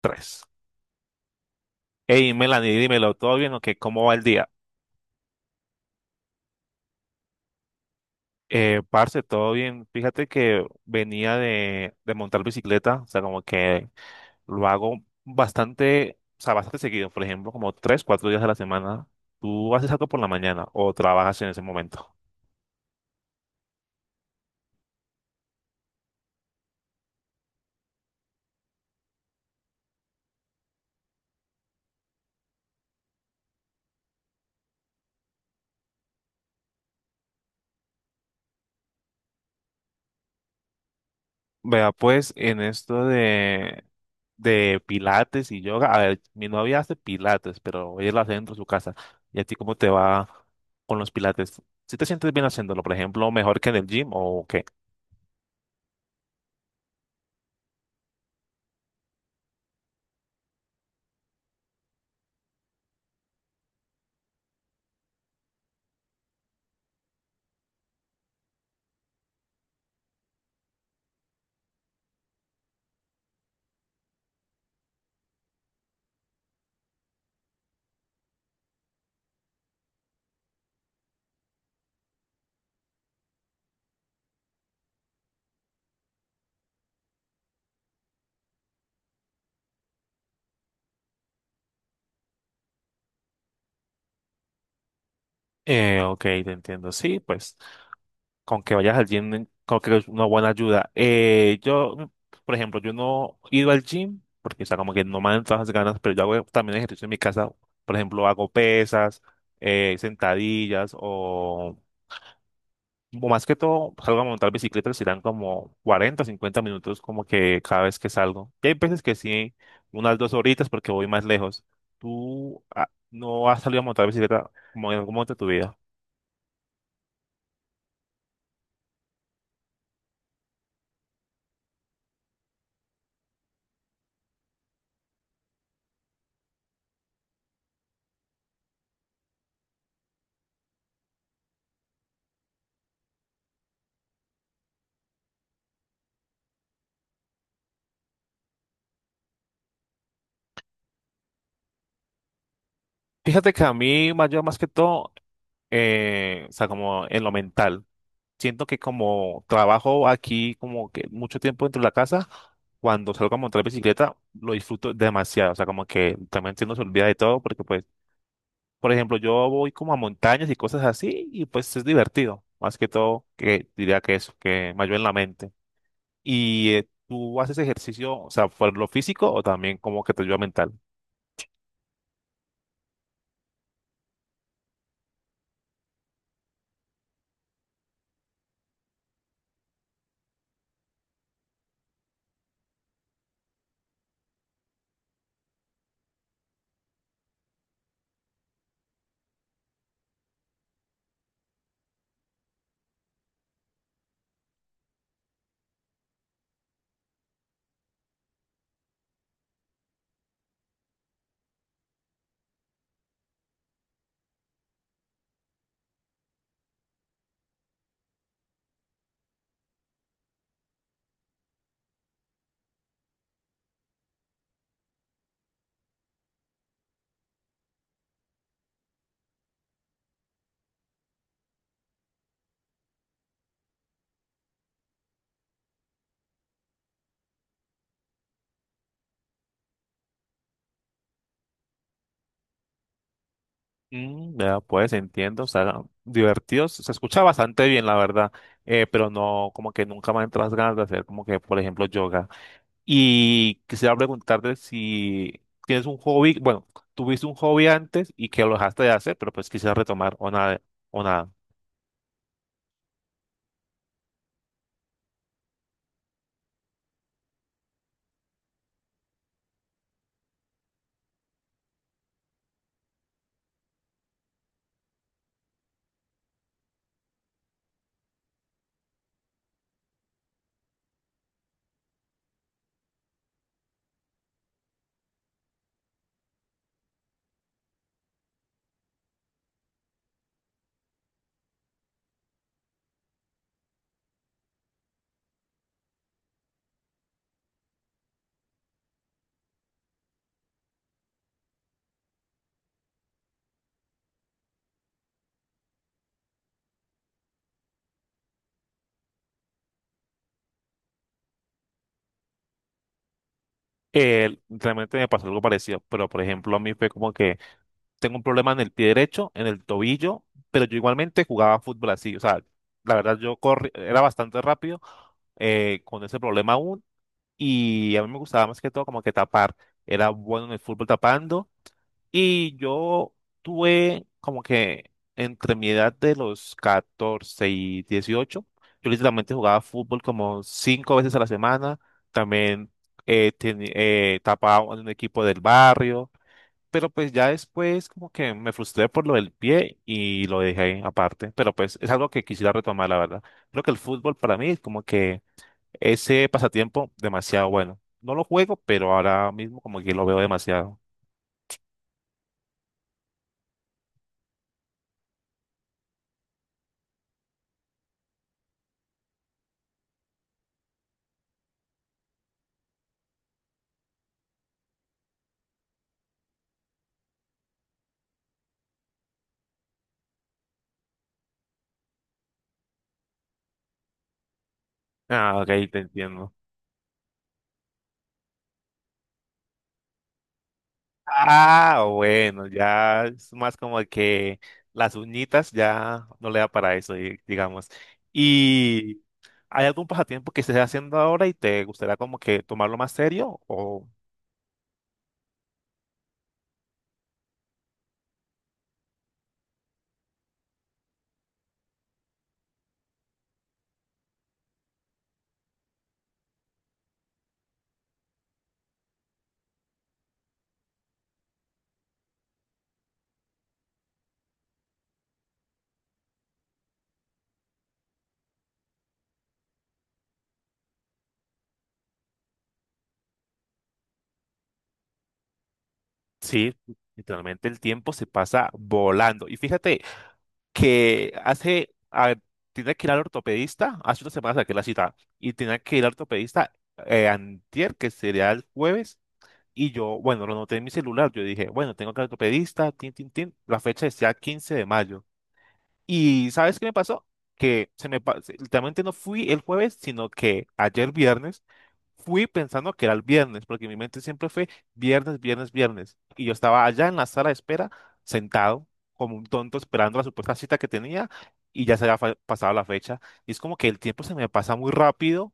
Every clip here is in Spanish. Tres. Hey, Melanie, dímelo, ¿todo bien o qué? ¿Cómo va el día? Parce, todo bien. Fíjate que venía de montar bicicleta, o sea, como que lo hago bastante, o sea, bastante seguido, por ejemplo, como 3, 4 días a la semana. ¿Tú haces algo por la mañana o trabajas en ese momento? Vea, pues, en esto de pilates y yoga, a ver, mi novia hace pilates, pero ella lo hace dentro de su casa. ¿Y a ti cómo te va con los pilates? ¿Si te sientes bien haciéndolo, por ejemplo, mejor que en el gym o qué? Ok, te entiendo. Sí, pues con que vayas al gym, creo que es una buena ayuda. Yo, por ejemplo, yo no he ido al gym porque, o sea, como que no me dan todas las ganas, pero yo hago también ejercicio en mi casa. Por ejemplo, hago pesas, sentadillas o más que todo, salgo a montar bicicleta, serán como 40, 50 minutos como que cada vez que salgo. Y hay veces que sí, unas 2 horitas porque voy más lejos. ¿Tú no has salido a montar bicicleta como en algún momento de tu vida? Fíjate que a mí me ayuda más que todo, o sea, como en lo mental. Siento que como trabajo aquí como que mucho tiempo dentro de la casa, cuando salgo a montar bicicleta, lo disfruto demasiado. O sea, como que también se nos olvida de todo porque, pues, por ejemplo, yo voy como a montañas y cosas así y pues es divertido. Más que todo, que diría que eso, que me ayuda en la mente. ¿Y tú haces ejercicio, o sea, por lo físico o también como que te ayuda mental? Mm, ya, pues entiendo, o sea, divertidos, se escucha bastante bien, la verdad, pero no, como que nunca me han entrado las ganas de hacer como que, por ejemplo, yoga. Y quisiera preguntarte si tienes un hobby, bueno, tuviste un hobby antes y que lo dejaste de hacer, pero pues quisiera retomar o nada, o nada. Realmente me pasó algo parecido, pero por ejemplo, a mí fue como que tengo un problema en el pie derecho, en el tobillo, pero yo igualmente jugaba fútbol así, o sea, la verdad yo corrí, era bastante rápido, con ese problema aún. Y a mí me gustaba más que todo como que tapar. Era bueno en el fútbol tapando. Y yo tuve como que entre mi edad de los 14 y 18, yo literalmente jugaba fútbol como cinco veces a la semana. También tapaba en un equipo del barrio. Pero pues ya después como que me frustré por lo del pie y lo dejé aparte. Pero pues es algo que quisiera retomar, la verdad. Creo que el fútbol para mí es como que ese pasatiempo, demasiado bueno. No lo juego, pero ahora mismo como que lo veo demasiado. Ah, ok, te entiendo. Ah, bueno, ya es más como que las uñitas ya no le da para eso, digamos. ¿Y hay algún pasatiempo que estés haciendo ahora y te gustaría como que tomarlo más serio? O sí, literalmente el tiempo se pasa volando. Y fíjate, que hace, a ver, que ir al ortopedista, hace una semana saqué la cita, y tenía que ir al ortopedista, antier, que sería el jueves, y yo, bueno, lo noté en mi celular, yo dije, bueno, tengo que ir al ortopedista, tin, tin, tin, la fecha decía 15 de mayo. Y ¿sabes qué me pasó? Que se me, literalmente no fui el jueves, sino que ayer viernes. Fui pensando que era el viernes, porque mi mente siempre fue viernes, viernes, viernes. Y yo estaba allá en la sala de espera, sentado, como un tonto, esperando la supuesta cita que tenía, y ya se había pasado la fecha. Y es como que el tiempo se me pasa muy rápido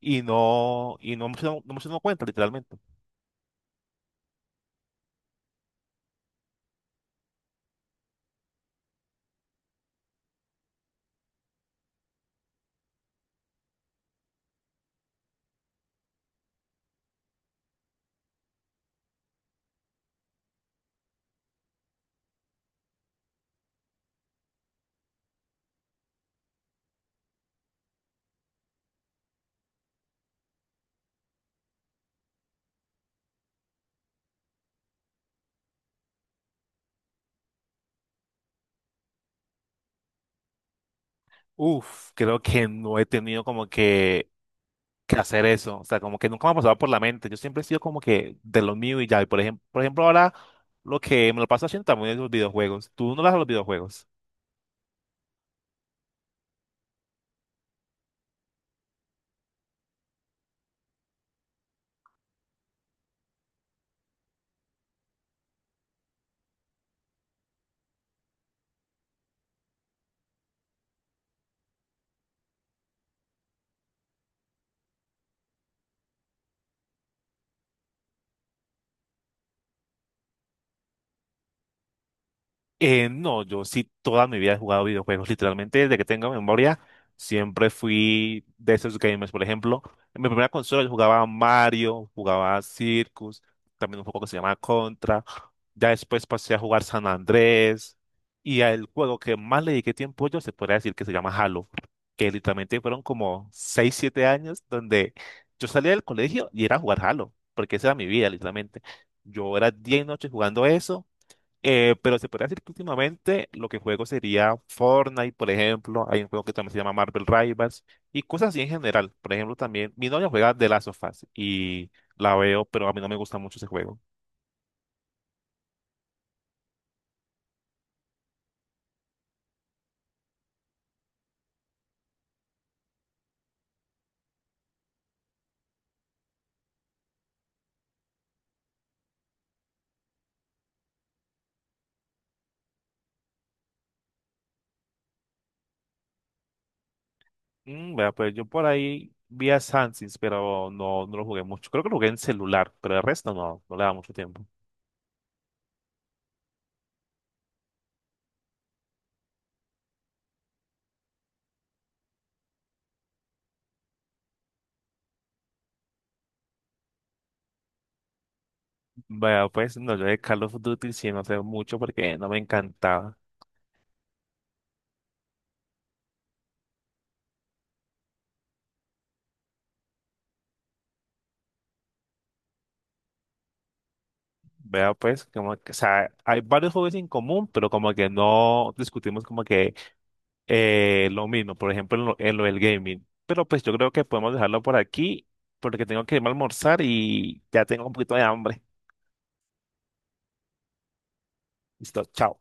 y no me estoy dando cuenta, literalmente. Uf, creo que no he tenido como que hacer eso. O sea, como que nunca me ha pasado por la mente. Yo siempre he sido como que de lo mío y ya. Y por ejemplo, ahora lo que me lo paso haciendo también es los videojuegos. ¿Tú no lo haces los videojuegos? No, yo sí toda mi vida he jugado videojuegos, literalmente desde que tengo memoria, siempre fui de esos gamers. Por ejemplo, en mi primera consola yo jugaba Mario, jugaba Circus, también un juego que se llama Contra. Ya después pasé a jugar San Andrés y el juego que más le dediqué tiempo yo se podría decir que se llama Halo, que literalmente fueron como 6, 7 años donde yo salía del colegio y era a jugar Halo, porque esa era mi vida, literalmente. Yo era día y noche jugando eso, pero se podría decir que últimamente lo que juego sería Fortnite, por ejemplo. Hay un juego que también se llama Marvel Rivals y cosas así en general. Por ejemplo, también mi novia juega The Last of Us y la veo, pero a mí no me gusta mucho ese juego. Vea, pues yo por ahí vi a Sans, pero no, no lo jugué mucho. Creo que lo jugué en celular, pero el resto no, no le da mucho tiempo. Vea, pues no, yo de Call of Duty sí no sé mucho porque no me encantaba. Vea, pues, como que, o sea, hay varios juegos en común, pero como que no discutimos como que. Lo mismo, por ejemplo, en lo del gaming. Pero pues yo creo que podemos dejarlo por aquí porque tengo que irme a almorzar y ya tengo un poquito de hambre. Listo, chao.